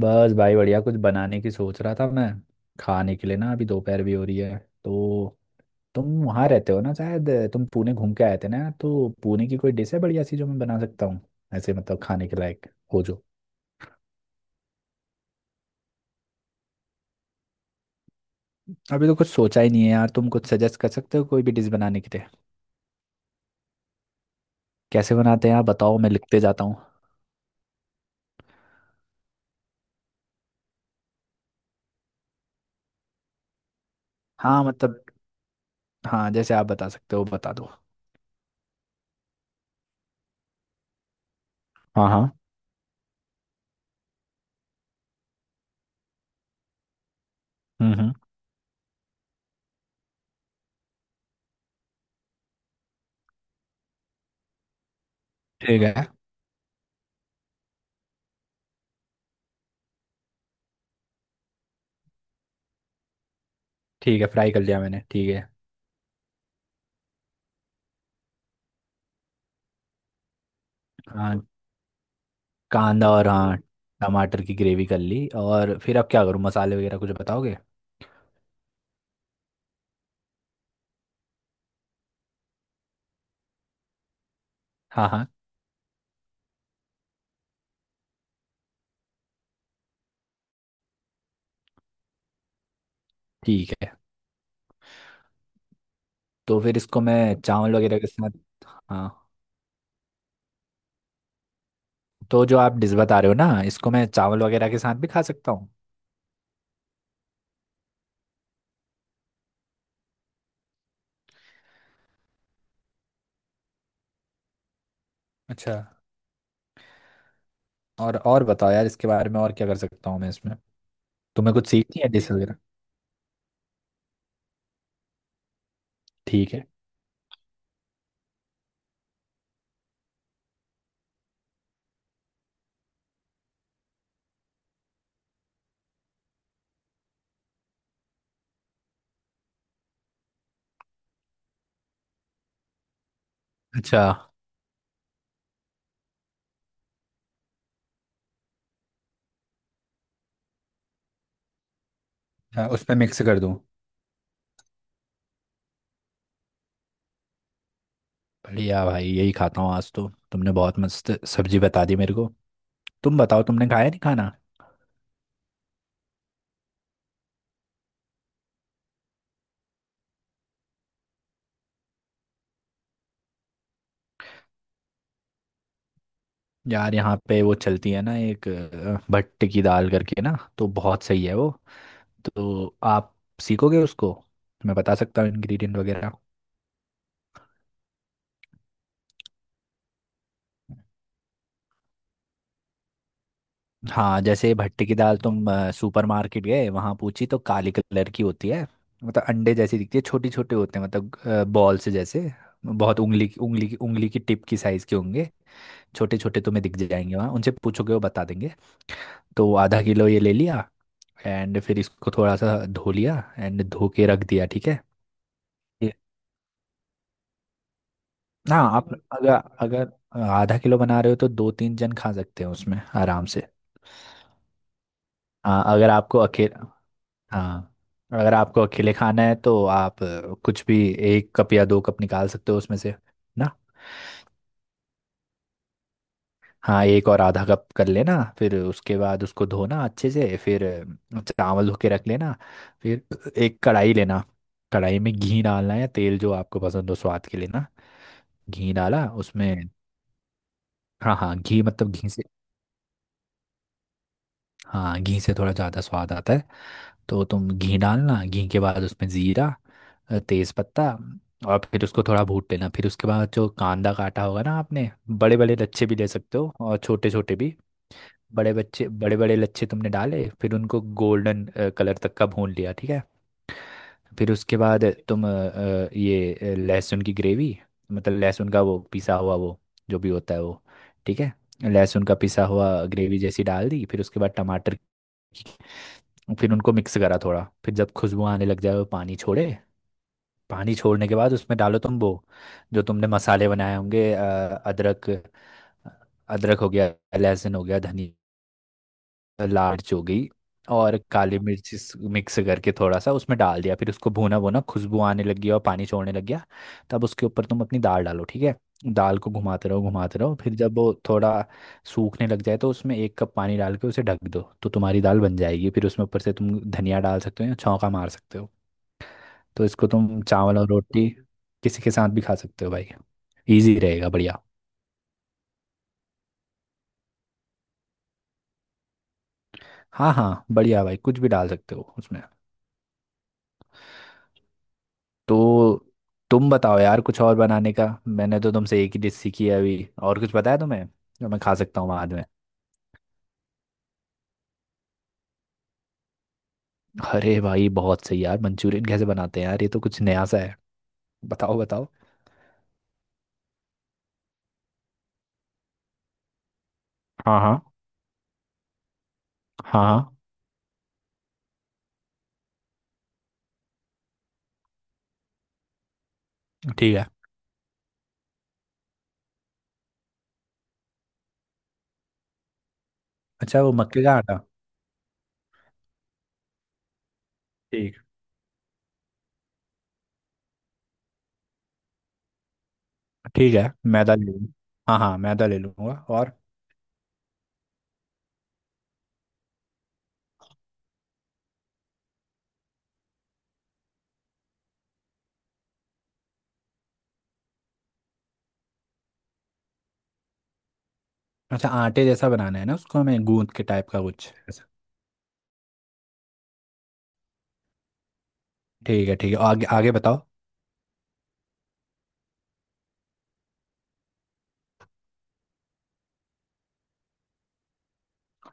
बस भाई बढ़िया कुछ बनाने की सोच रहा था मैं। खाने के लिए ना, अभी दोपहर भी हो रही है तो तुम वहाँ रहते हो ना, शायद तुम पुणे घूम के आए थे ना, तो पुणे की कोई डिश है बढ़िया सी जो मैं बना सकता हूँ ऐसे मतलब खाने के लायक हो? जो अभी तो कुछ सोचा ही नहीं है यार। तुम कुछ सजेस्ट कर सकते हो कोई भी डिश बनाने के लिए? कैसे बनाते हैं आप बताओ, मैं लिखते जाता हूँ। हाँ मतलब, हाँ जैसे आप बता सकते हो बता दो। हाँ हाँ। हम्म। ठीक है। ठीक है, फ्राई कर लिया मैंने, ठीक है। हाँ कांदा, और हाँ टमाटर की ग्रेवी कर ली, और फिर अब क्या करूँ, मसाले वगैरह कुछ बताओगे? हाँ हाँ। ठीक है, तो फिर इसको मैं चावल वगैरह के साथ, हाँ, तो जो आप डिश बता रहे हो ना, इसको मैं चावल वगैरह के साथ भी खा सकता हूँ? अच्छा। और बताओ यार, इसके बारे में और क्या कर सकता हूँ मैं इसमें? तुम्हें कुछ सीखनी है डिश वगैरह? ठीक है। अच्छा। हाँ उसमें मिक्स कर दूँ। बढ़िया भाई, यही खाता हूँ आज तो, तुमने बहुत मस्त सब्जी बता दी मेरे को। तुम बताओ, तुमने खाया नहीं खाना? यार यहाँ पे वो चलती है ना एक भट्ट की दाल करके ना, तो बहुत सही है वो। तो आप सीखोगे उसको? मैं बता सकता हूँ इंग्रेडिएंट वगैरह। हाँ जैसे भट्ट की दाल, तुम सुपर मार्केट गए वहाँ पूछी, तो काली कलर की होती है। मतलब अंडे जैसी दिखती है, छोटे छोटे होते हैं, मतलब बॉल से जैसे। बहुत उंगली की उंगली की उंगली की टिप की साइज़ के होंगे। छोटे छोटे तुम्हें दिख जाएंगे वहाँ, उनसे पूछोगे वो बता देंगे। तो आधा किलो ये ले लिया, एंड फिर इसको थोड़ा सा धो लिया, एंड धो के रख दिया, ठीक है? ना आप, अगर, अगर आधा किलो बना रहे हो तो दो तीन जन खा सकते हो उसमें आराम से। हाँ अगर आपको अकेले, हाँ, अगर आपको अकेले खाना है तो आप कुछ भी एक कप या दो कप निकाल सकते हो उसमें से, ना। हाँ एक और आधा कप कर लेना, फिर उसके बाद उसको धोना अच्छे से। फिर चावल धो के रख लेना। फिर एक कढ़ाई लेना, कढ़ाई में घी डालना है, तेल जो आपको पसंद हो स्वाद के लिए, ना। घी डाला उसमें, हाँ हाँ घी, मतलब घी से, हाँ, घी से थोड़ा ज़्यादा स्वाद आता है। तो तुम घी डालना, घी के बाद उसमें जीरा, तेज पत्ता, और फिर उसको थोड़ा भून लेना। फिर उसके बाद जो कांदा काटा होगा ना आपने, बड़े बड़े लच्छे भी ले सकते हो और छोटे छोटे भी। बड़े बच्चे बड़े बड़े लच्छे तुमने डाले, फिर उनको गोल्डन कलर तक का भून लिया, ठीक है। फिर उसके बाद तुम लहसुन की ग्रेवी, मतलब लहसुन का वो पिसा हुआ, वो जो भी होता है वो, ठीक है, लहसुन का पिसा हुआ ग्रेवी जैसी डाल दी। फिर उसके बाद टमाटर, फिर उनको मिक्स करा थोड़ा। फिर जब खुशबू आने लग जाए, वो पानी छोड़े, पानी छोड़ने के बाद उसमें डालो तुम वो जो तुमने मसाले बनाए होंगे, अदरक, अदरक हो गया, लहसुन हो गया, धनिया, लार्ज हो गई, और काली मिर्च मिक्स करके थोड़ा सा उसमें डाल दिया। फिर उसको भूना भूना, खुशबू आने लगी और पानी छोड़ने लग गया, तब उसके ऊपर तुम अपनी दाल डालो, ठीक है। दाल को घुमाते रहो घुमाते रहो, फिर जब वो थोड़ा सूखने लग जाए तो उसमें एक कप पानी डाल के उसे ढक दो, तो तुम्हारी दाल बन जाएगी। फिर उसमें ऊपर से तुम धनिया डाल सकते हो या छौंका मार सकते हो। तो इसको तुम चावल और रोटी किसी के साथ भी खा सकते हो भाई, इजी रहेगा, बढ़िया। हाँ हाँ बढ़िया भाई, कुछ भी डाल सकते हो उसमें। तो तुम बताओ यार, कुछ और बनाने का? मैंने तो तुमसे एक ही डिश सीखी है अभी, और कुछ बताया तुम्हें जो मैं खा सकता हूँ बाद में? अरे भाई बहुत सही यार, मंचूरियन कैसे बनाते हैं यार, ये तो कुछ नया सा है, बताओ बताओ। हाँ हाँ हाँ हाँ। ठीक है। अच्छा, वो मक्के का आटा? ठीक। ठीक है मैदा ले लूँ, हाँ हाँ मैदा ले लूँगा, और? अच्छा आटे जैसा बनाना है ना उसको, हमें गूंद के टाइप का कुछ ऐसा। ठीक है, ठीक है, आगे आगे बताओ।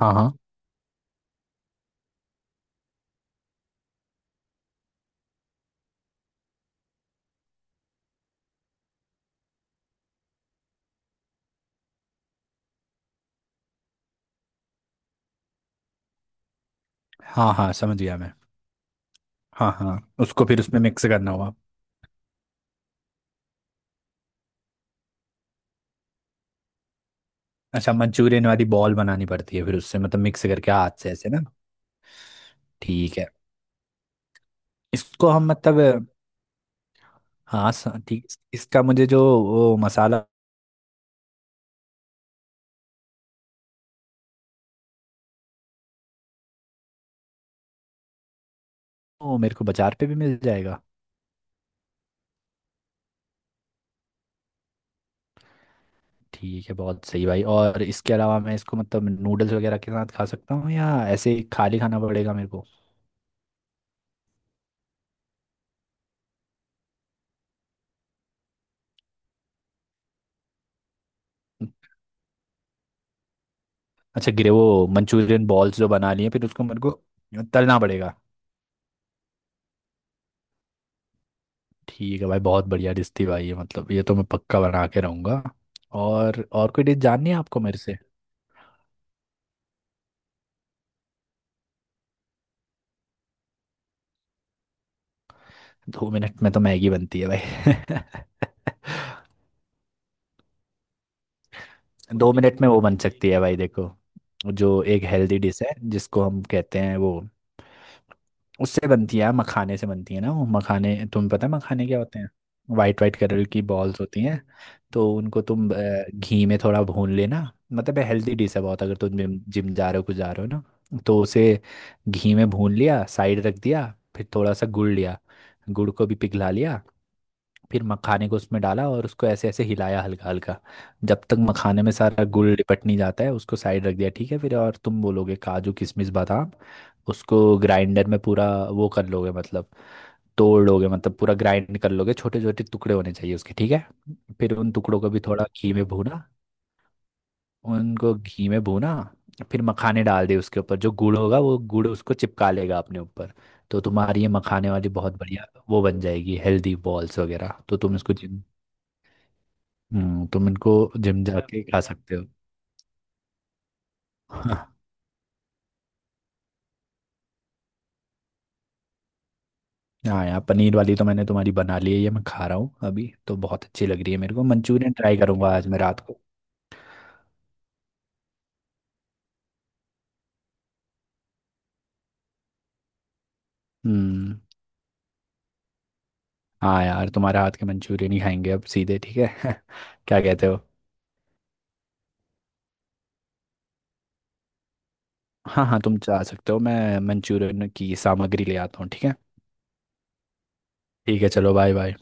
हाँ हाँ हाँ, हाँ समझ गया मैं। हाँ हाँ उसको फिर उसमें मिक्स करना होगा। अच्छा मंचूरियन वाली बॉल बनानी पड़ती है फिर, उससे मतलब मिक्स करके हाथ से ऐसे, ना? ठीक है। इसको हम मतलब, हाँ ठीक, इसका मुझे जो, वो मसाला वो मेरे को बाजार पे भी मिल जाएगा? ठीक है, बहुत सही भाई। और इसके अलावा मैं इसको मतलब नूडल्स वगैरह के साथ खा सकता हूँ या ऐसे ही खाली खाना पड़ेगा मेरे को? अच्छा, गिरे वो मंचूरियन बॉल्स जो बना लिए, फिर उसको मेरे को तलना पड़ेगा। ठीक है भाई, बहुत बढ़िया डिश थी भाई ये, मतलब ये तो मैं पक्का बना के रहूँगा। और कोई डिश जाननी है आपको मेरे से? दो मिनट में तो मैगी बनती है भाई। दो मिनट में वो बन सकती है भाई, देखो, जो एक हेल्दी डिश है जिसको हम कहते हैं वो, उससे बनती है, मखाने से बनती है ना वो। मखाने तुम्हें पता है मखाने क्या होते हैं? वाइट वाइट कलर की बॉल्स होती हैं। तो उनको तुम घी में थोड़ा भून लेना। मतलब हेल्दी डिश है बहुत, अगर तुम जिम जिम जा रहे हो, कुछ जा रहे हो ना, तो उसे घी में भून लिया, साइड रख दिया। फिर थोड़ा सा गुड़ लिया, गुड़ को भी पिघला लिया, फिर मखाने को उसमें डाला और उसको ऐसे ऐसे हिलाया हल्का हल्का। जब तक मखाने में सारा गुड़ लिपट नहीं जाता, है उसको साइड रख दिया, ठीक है। फिर और तुम बोलोगे काजू किशमिश बादाम, उसको ग्राइंडर में पूरा वो कर लोगे, मतलब तोड़ लोगे, मतलब पूरा ग्राइंड कर लोगे, छोटे छोटे टुकड़े होने चाहिए उसके, ठीक है। फिर उन टुकड़ों को भी थोड़ा घी में भूना, उनको घी में भूना, फिर मखाने डाल दिए उसके ऊपर, जो गुड़ होगा वो गुड़ उसको चिपका लेगा अपने ऊपर। तो तुम्हारी ये मखाने वाली बहुत बढ़िया वो बन जाएगी, हेल्दी बॉल्स वगैरह, तो तुम इसको जिम, तुम इनको जिम जाके खा सकते हो। हाँ, हाँ यार पनीर वाली तो मैंने तुम्हारी बना ली है, ये मैं खा रहा हूँ अभी तो, बहुत अच्छी लग रही है मेरे को। मंचूरियन ट्राई करूंगा आज मैं रात को। हम्म। हाँ यार तुम्हारे हाथ के मंचूरियन ही खाएंगे अब सीधे, ठीक है। क्या कहते हो? हाँ हाँ तुम जा सकते हो, मैं मंचूरियन की सामग्री ले आता हूँ, ठीक है। ठीक है, चलो बाय बाय।